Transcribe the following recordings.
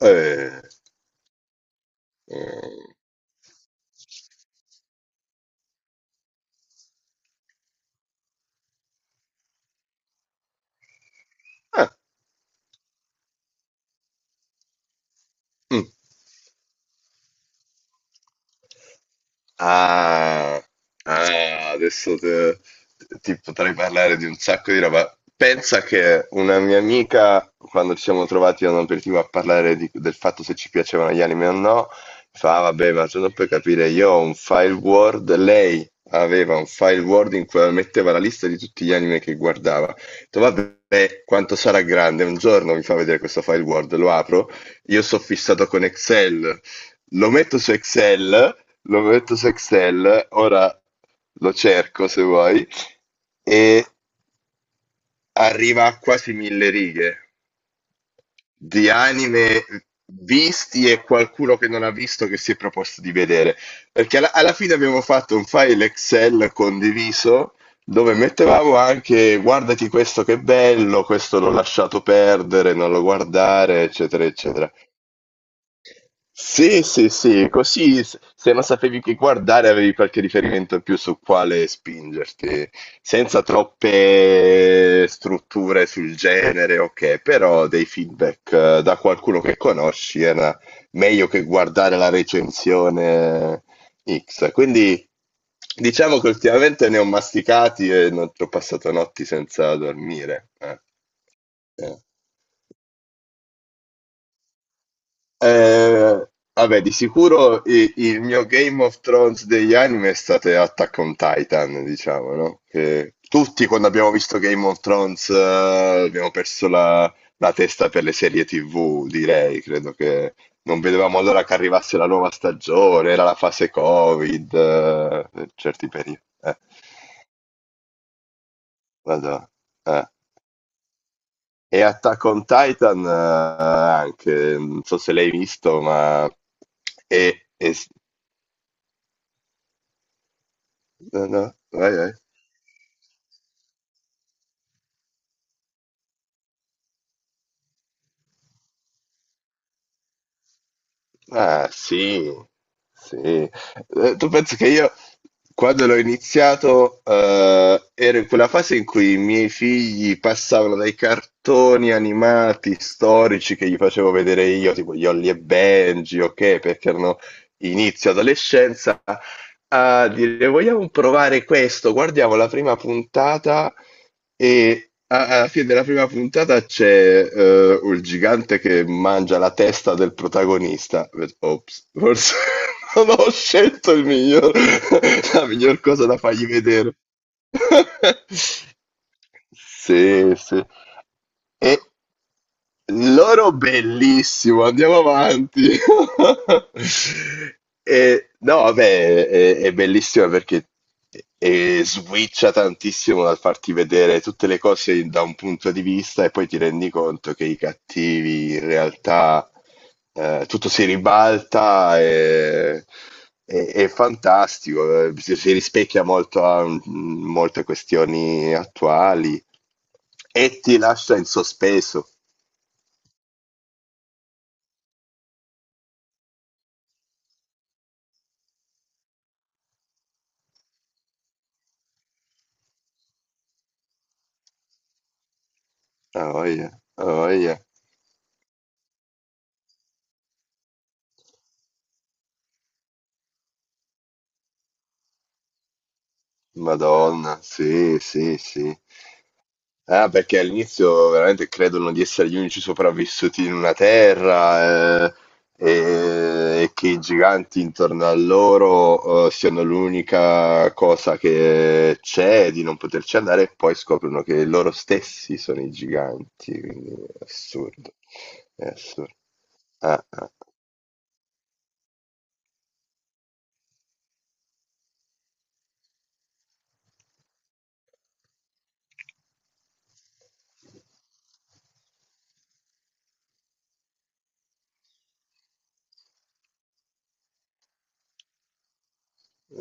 Eh, eh, ah, mm. Ah, ah, adesso te- Ti potrei parlare di un sacco di roba. Pensa che una mia amica, quando ci siamo trovati a un aperitivo a parlare del fatto se ci piacevano gli anime o no, fa, "Ah, vabbè, ma tu non puoi capire, io ho un file Word, lei aveva un file Word in cui metteva la lista di tutti gli anime che guardava. Ho detto, vabbè, quanto sarà grande, un giorno mi fa vedere questo file Word, lo apro, io sono fissato con Excel, lo metto su Excel. Lorenzo Sexel, ora lo cerco se vuoi, e arriva a quasi 1000 righe di anime visti e qualcuno che non ha visto che si è proposto di vedere. Perché alla fine abbiamo fatto un file Excel condiviso dove mettevamo anche guardati questo che bello, questo l'ho lasciato perdere, non lo guardare, eccetera, eccetera. Sì, sì, sì, così se non sapevi che guardare avevi qualche riferimento in più su quale spingerti, senza troppe strutture sul genere, ok, però dei feedback da qualcuno che conosci era meglio che guardare la recensione X. Quindi diciamo che ultimamente ne ho masticati e non ho passato notti senza dormire. Eh. Eh, Vabbè, di sicuro il mio Game of Thrones degli anime è stato Attack on Titan, diciamo, no? Che tutti quando abbiamo visto Game of Thrones abbiamo perso la testa per le serie TV, direi. Credo che non vedevamo l'ora che arrivasse la nuova stagione, era la fase Covid, per certi periodi. Vado, eh. E Attack on Titan anche, non so se l'hai visto, ma è No, no, vai, vai. Ah, sì, sì. Tu pensi che io, quando l'ho iniziato, ero in quella fase in cui i miei figli passavano dai cartoni animati storici che gli facevo vedere io, tipo gli Holly e Benji, ok, perché erano inizio adolescenza, a dire vogliamo provare questo, guardiamo la prima puntata e alla fine della prima puntata c'è il gigante che mangia la testa del protagonista. Ops, forse non ho scelto il miglior, la miglior cosa da fargli vedere. Sì, sì. E loro bellissimo, andiamo avanti. No, vabbè, è bellissima perché switcha tantissimo dal farti vedere tutte le cose da un punto di vista e poi ti rendi conto che i cattivi in realtà tutto si ribalta è fantastico, si rispecchia molto a molte questioni attuali e ti lascia in sospeso. Ah, voglia, ah, voglia. Madonna, sì, sì, sì. Ah, perché all'inizio veramente credono di essere gli unici sopravvissuti in una terra, che i giganti intorno a loro, siano l'unica cosa che c'è di non poterci andare, e poi scoprono che loro stessi sono i giganti, quindi è assurdo, è assurdo. Ah, ah.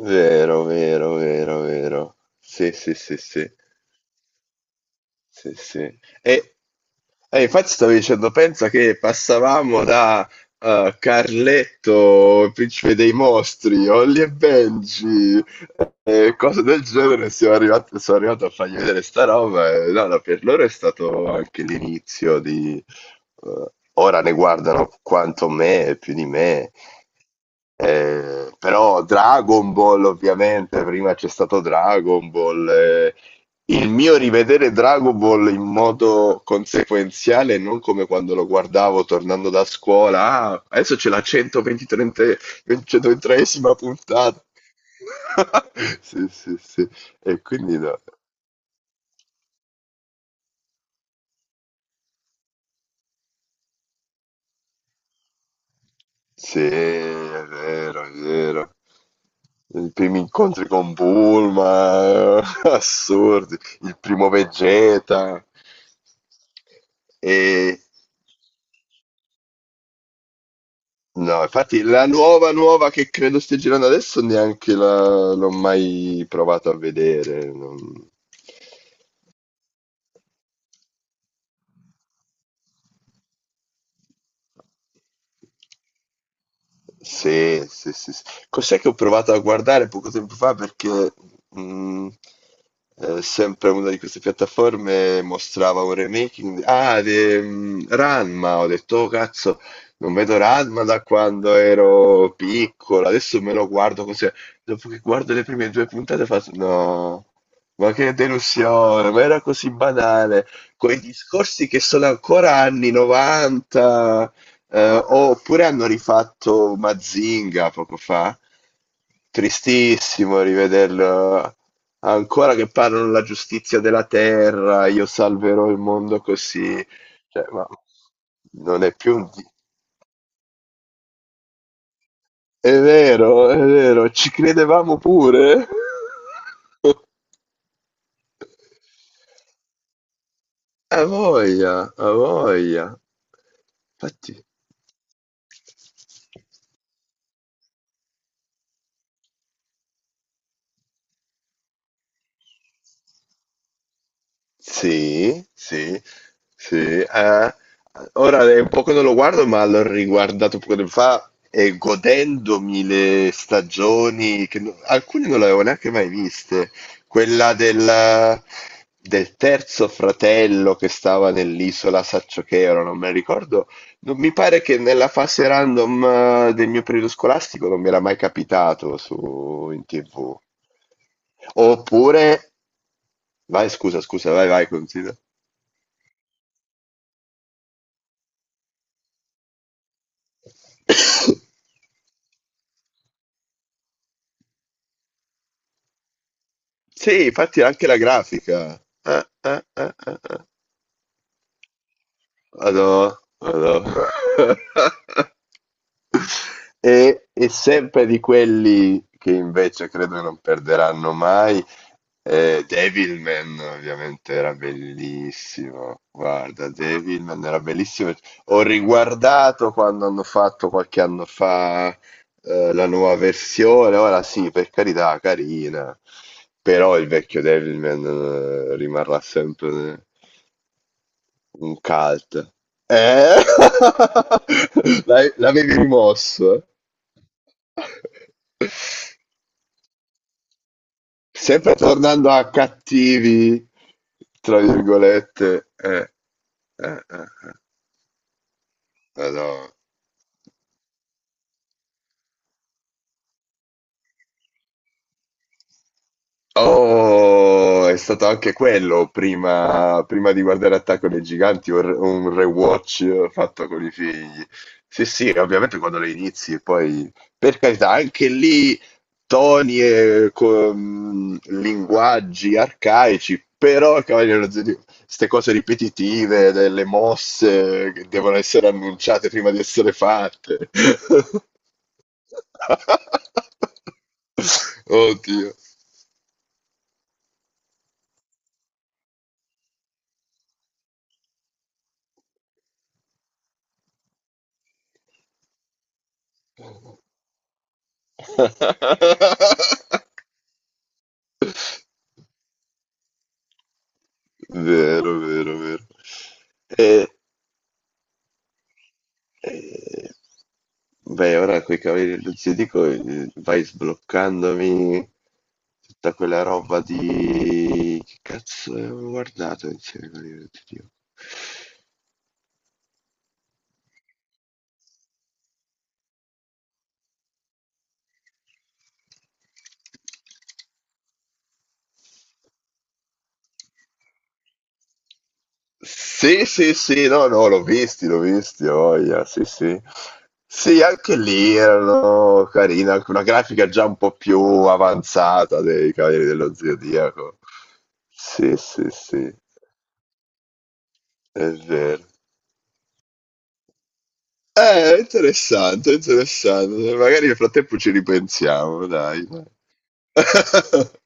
Vero, vero, vero, vero. Sì, sì, sì, sì. Sì, sì. E infatti stavo dicendo, pensa che passavamo da Carletto, il principe dei mostri, Holly e Benji, e cose del genere, sono arrivato a fargli vedere sta roba e no, no, per loro è stato anche l'inizio di. eh, Ora ne guardano quanto me, più di me, però Dragon Ball ovviamente, prima c'è stato Dragon Ball, il mio rivedere Dragon Ball in modo consequenziale, non come quando lo guardavo tornando da scuola. Ah, adesso c'è la 123esima puntata. Sì, sì, sì. E quindi no. Sì, è vero, è vero. I primi incontri con Bulma, assurdi. Il primo Vegeta. E no, infatti la nuova nuova che credo stia girando adesso neanche l'ho mai provato a vedere. Sì, sì, sì, sì. Cos'è che ho provato a guardare poco tempo fa? Perché mh, sempre una di queste piattaforme mostrava un remaking di Ranma. Ho detto, oh, cazzo, non vedo Ranma da quando ero piccolo. Adesso me lo guardo così. Dopo che guardo le prime due puntate faccio, no, ma che delusione, ma era così banale. Quei discorsi che sono ancora anni 90. Oppure hanno rifatto Mazinga poco fa. Tristissimo rivederlo. Ancora che parlano la giustizia della terra, io salverò il mondo così. Cioè, ma non è più. È vero, ci credevamo pure. A voglia, a voglia. Infatti, sì, sì, sì. Ora è un po' che non lo guardo, ma l'ho riguardato poco tempo fa e godendomi le stagioni, che alcune non le avevo neanche mai viste. Quella del terzo fratello che stava nell'isola Saccio Chero, non me la ricordo. Non mi pare che nella fase random del mio periodo scolastico non mi era mai capitato su, in TV. Oppure, vai, scusa, scusa, vai, vai, considera. Sì, infatti anche la grafica. Ah, ah, ah, ah, ah. Madò, madò. E sempre di quelli che invece credo non perderanno mai, Devilman ovviamente era bellissimo. Guarda, Devilman era bellissimo. Ho riguardato quando hanno fatto qualche anno fa la nuova versione. Ora sì, per carità, carina. Però il vecchio Devilman rimarrà sempre un cult. Eh? L'avevi rimosso? Sempre tornando a cattivi, tra virgolette. Eh, eh, eh. Madonna. Oh, è stato anche quello prima di guardare Attacco dei Giganti, un rewatch fatto con i figli. Sì, sì, ovviamente quando le inizi, poi per carità, anche lì toni e linguaggi arcaici, però il Cavaliere dello Zodiaco, queste cose ripetitive delle mosse che devono essere annunciate prima di essere fatte. Oddio. Vero, vero, vero. E, e- Beh, ora coi Cavalieri del Zodiaco vai sbloccandomi tutta quella roba di. Che cazzo avevo guardato insieme ai Cavalieri del Zodiaco? Sì, sì, sì, no, no, l'ho visti, ho voglia, sì, sì. Sì, anche lì erano carina, anche una grafica già un po' più avanzata dei Cavalieri dello Zodiaco. Sì, sì, sì, è vero. Interessante, interessante. Magari nel frattempo ci ripensiamo, dai.